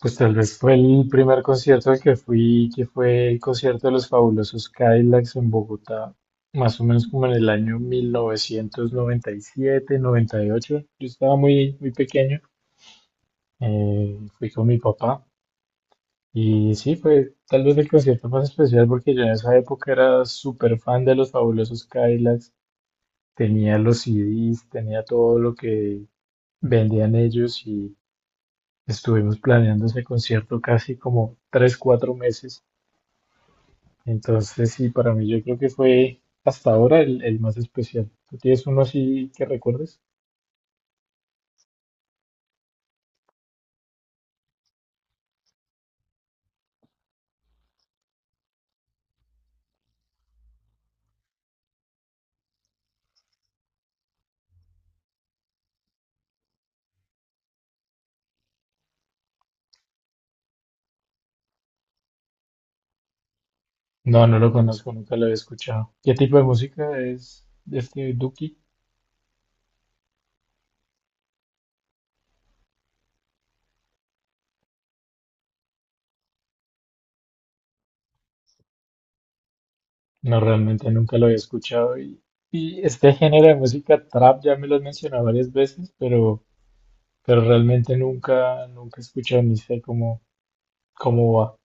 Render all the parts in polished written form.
Pues tal vez fue el primer concierto al que fui, que fue el concierto de los Fabulosos Cadillacs en Bogotá, más o menos como en el año 1997, 98. Yo estaba muy, muy pequeño, fui con mi papá y sí, fue tal vez el concierto más especial porque yo en esa época era súper fan de los Fabulosos Cadillacs, tenía los CDs, tenía todo lo que vendían ellos y estuvimos planeando ese concierto casi como 3 4 meses. Entonces, sí, para mí yo creo que fue hasta ahora el más especial. ¿Tú tienes uno así que recuerdes? No, no lo conozco, nunca lo había escuchado. ¿Qué tipo de música es este Duki? No, realmente nunca lo había escuchado. Y este género de música trap ya me lo has mencionado varias veces, pero realmente nunca, nunca he escuchado ni sé cómo va.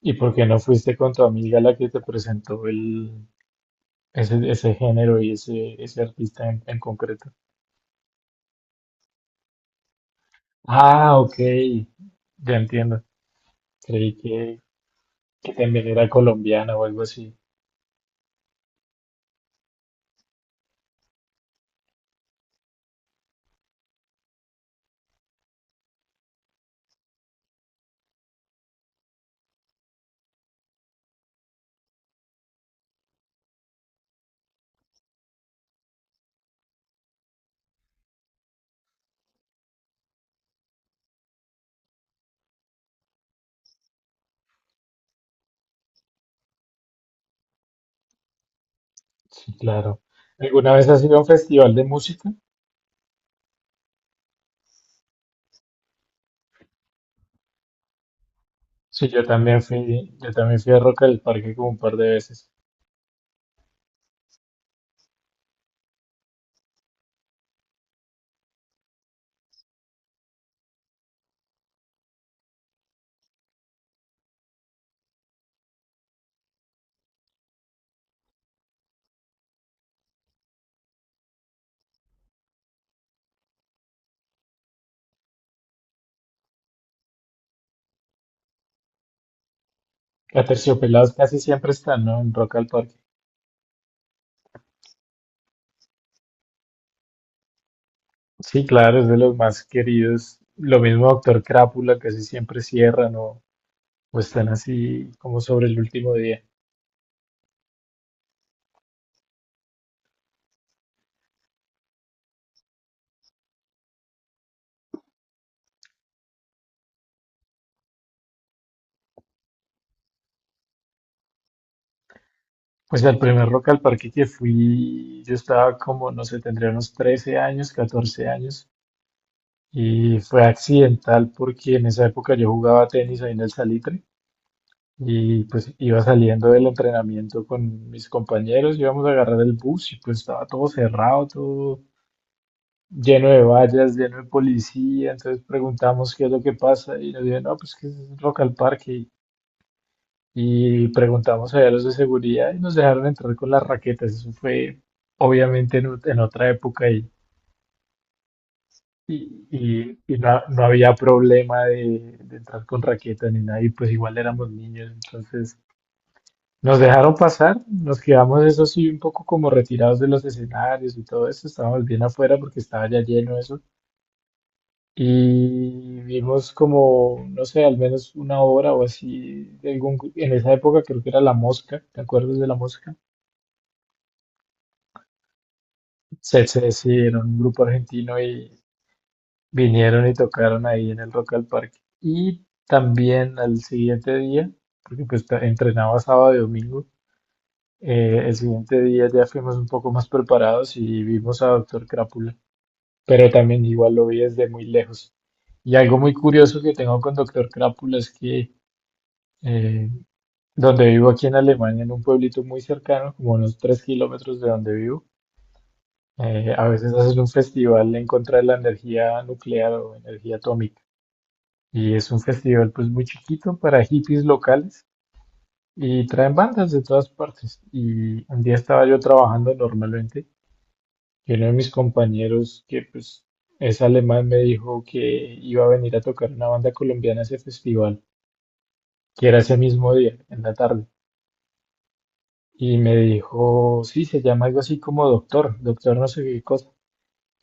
¿Y por qué no fuiste con tu amiga la que te presentó ese género y ese artista en concreto? Ah, ok. Ya entiendo. Creí que también era colombiana o algo así. Sí, claro. ¿Alguna vez has ido a un festival de música? Sí, yo también fui a Rock al Parque como un par de veces. Aterciopelados casi siempre están, ¿no? En Rock al Parque. Sí, claro, es de los más queridos. Lo mismo Doctor Crápula, casi siempre cierran o están así como sobre el último día. Pues al primer Rock al Parque que fui, yo estaba como, no sé, tendría unos 13 años, 14 años. Y fue accidental porque en esa época yo jugaba tenis ahí en el Salitre y pues iba saliendo del entrenamiento con mis compañeros, íbamos a agarrar el bus y pues estaba todo cerrado, todo lleno de vallas, lleno de policía, entonces preguntamos qué es lo que pasa y nos dijeron, no, pues que es local parque y preguntamos allá a los de seguridad y nos dejaron entrar con las raquetas, eso fue obviamente en otra época. Y no, no había problema de entrar con raqueta ni nada, y pues igual éramos niños, entonces nos dejaron pasar, nos quedamos eso sí un poco como retirados de los escenarios y todo eso, estábamos bien afuera porque estaba ya lleno eso, y vimos como, no sé, al menos una hora o así, de en esa época creo que era La Mosca. ¿Te acuerdas de La Mosca? Sí, era un grupo argentino. Vinieron y tocaron ahí en el Rock al Parque. Y también al siguiente día, porque pues entrenaba sábado y domingo, el siguiente día ya fuimos un poco más preparados y vimos a Doctor Crápula, pero también igual lo vi desde muy lejos. Y algo muy curioso que tengo con Doctor Crápula es que eh, donde vivo aquí en Alemania, en un pueblito muy cercano, como unos 3 kilómetros de donde vivo, a veces hacen un festival en contra de la energía nuclear o energía atómica. Y es un festival pues muy chiquito para hippies locales y traen bandas de todas partes. Y un día estaba yo trabajando normalmente y uno de mis compañeros que pues es alemán me dijo que iba a venir a tocar una banda colombiana a ese festival, que era ese mismo día, en la tarde. Y me dijo, sí, se llama algo así como Doctor, Doctor no sé qué cosa.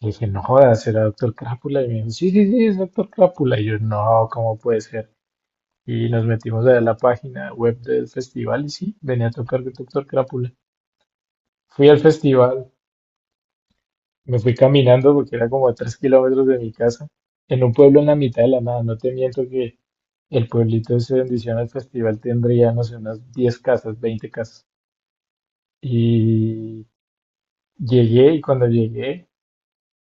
Le dije, no jodas, será Doctor Crápula. Y me dijo, sí, sí, sí, es Doctor Crápula. Y yo, no, ¿cómo puede ser? Y nos metimos a ver la página web del festival y sí, venía a tocar Doctor Crápula. Fui al festival, me fui caminando porque era como a 3 kilómetros de mi casa, en un pueblo en la mitad de la nada. No te miento que el pueblito ese donde hicieron el festival tendría, no sé, unas 10 casas, 20 casas. Y llegué y cuando llegué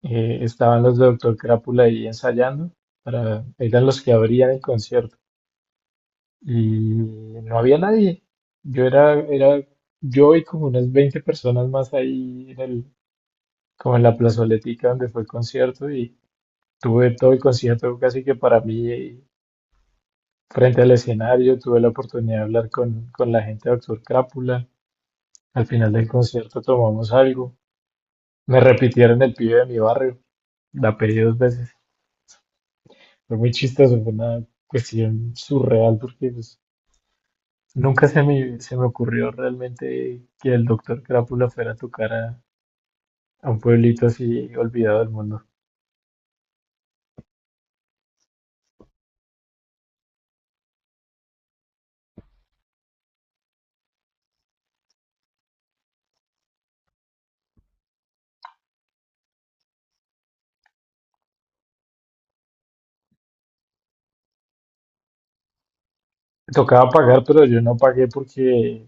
estaban los de Doctor Crápula ahí ensayando, para, eran los que abrían el concierto. Y no había nadie. Yo era, yo y como unas 20 personas más ahí en el, como en la plazoletica donde fue el concierto y tuve todo el concierto casi que para mí frente al escenario, tuve la oportunidad de hablar con la gente de Doctor Crápula. Al final del concierto tomamos algo. Me repitieron el pibe de mi barrio, la pedí dos veces. Fue muy chistoso, fue una cuestión surreal porque pues, nunca se me ocurrió realmente que el doctor Crápula fuera a tocar a, un pueblito así olvidado del mundo. Tocaba pagar, pero yo no pagué porque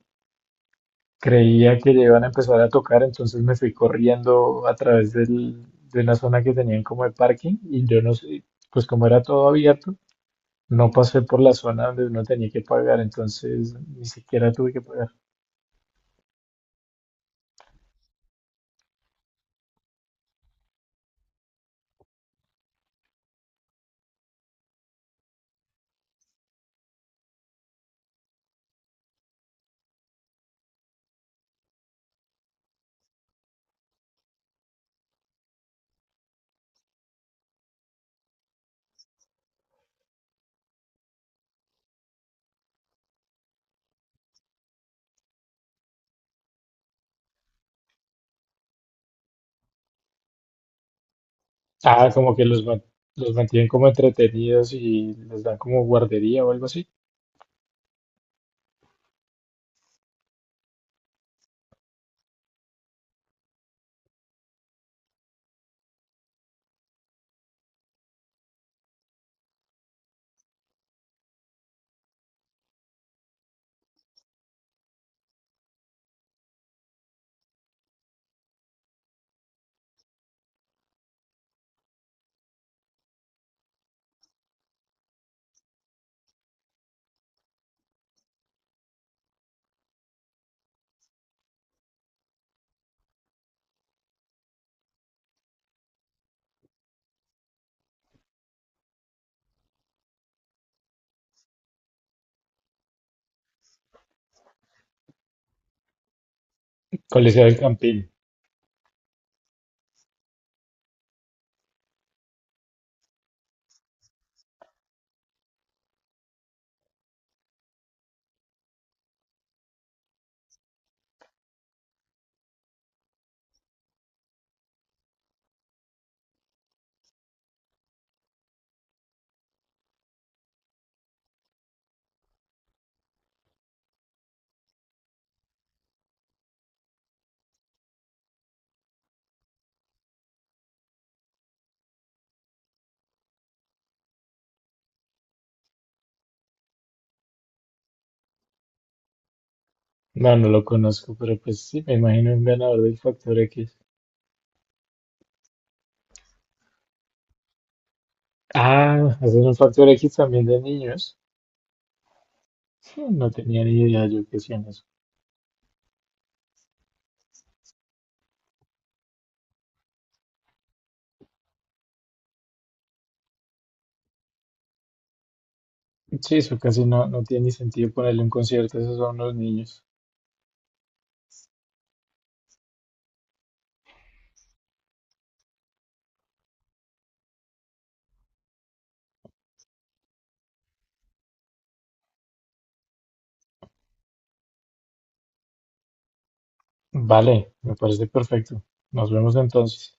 creía que ya iban a empezar a tocar, entonces me fui corriendo a través de una zona que tenían como de parking y yo no sé, pues como era todo abierto, no pasé por la zona donde uno tenía que pagar, entonces ni siquiera tuve que pagar. Ah, como que los mantienen como entretenidos y les dan como guardería o algo así. Coliseo del Campín. No, no lo conozco, pero pues sí, me imagino un ganador del Factor X. Ah, hacen un Factor X también de niños. Sí, no tenía ni idea yo que hacían eso. Sí, eso casi no, no tiene ni sentido ponerle un concierto a esos a unos niños. Vale, me parece perfecto. Nos vemos entonces.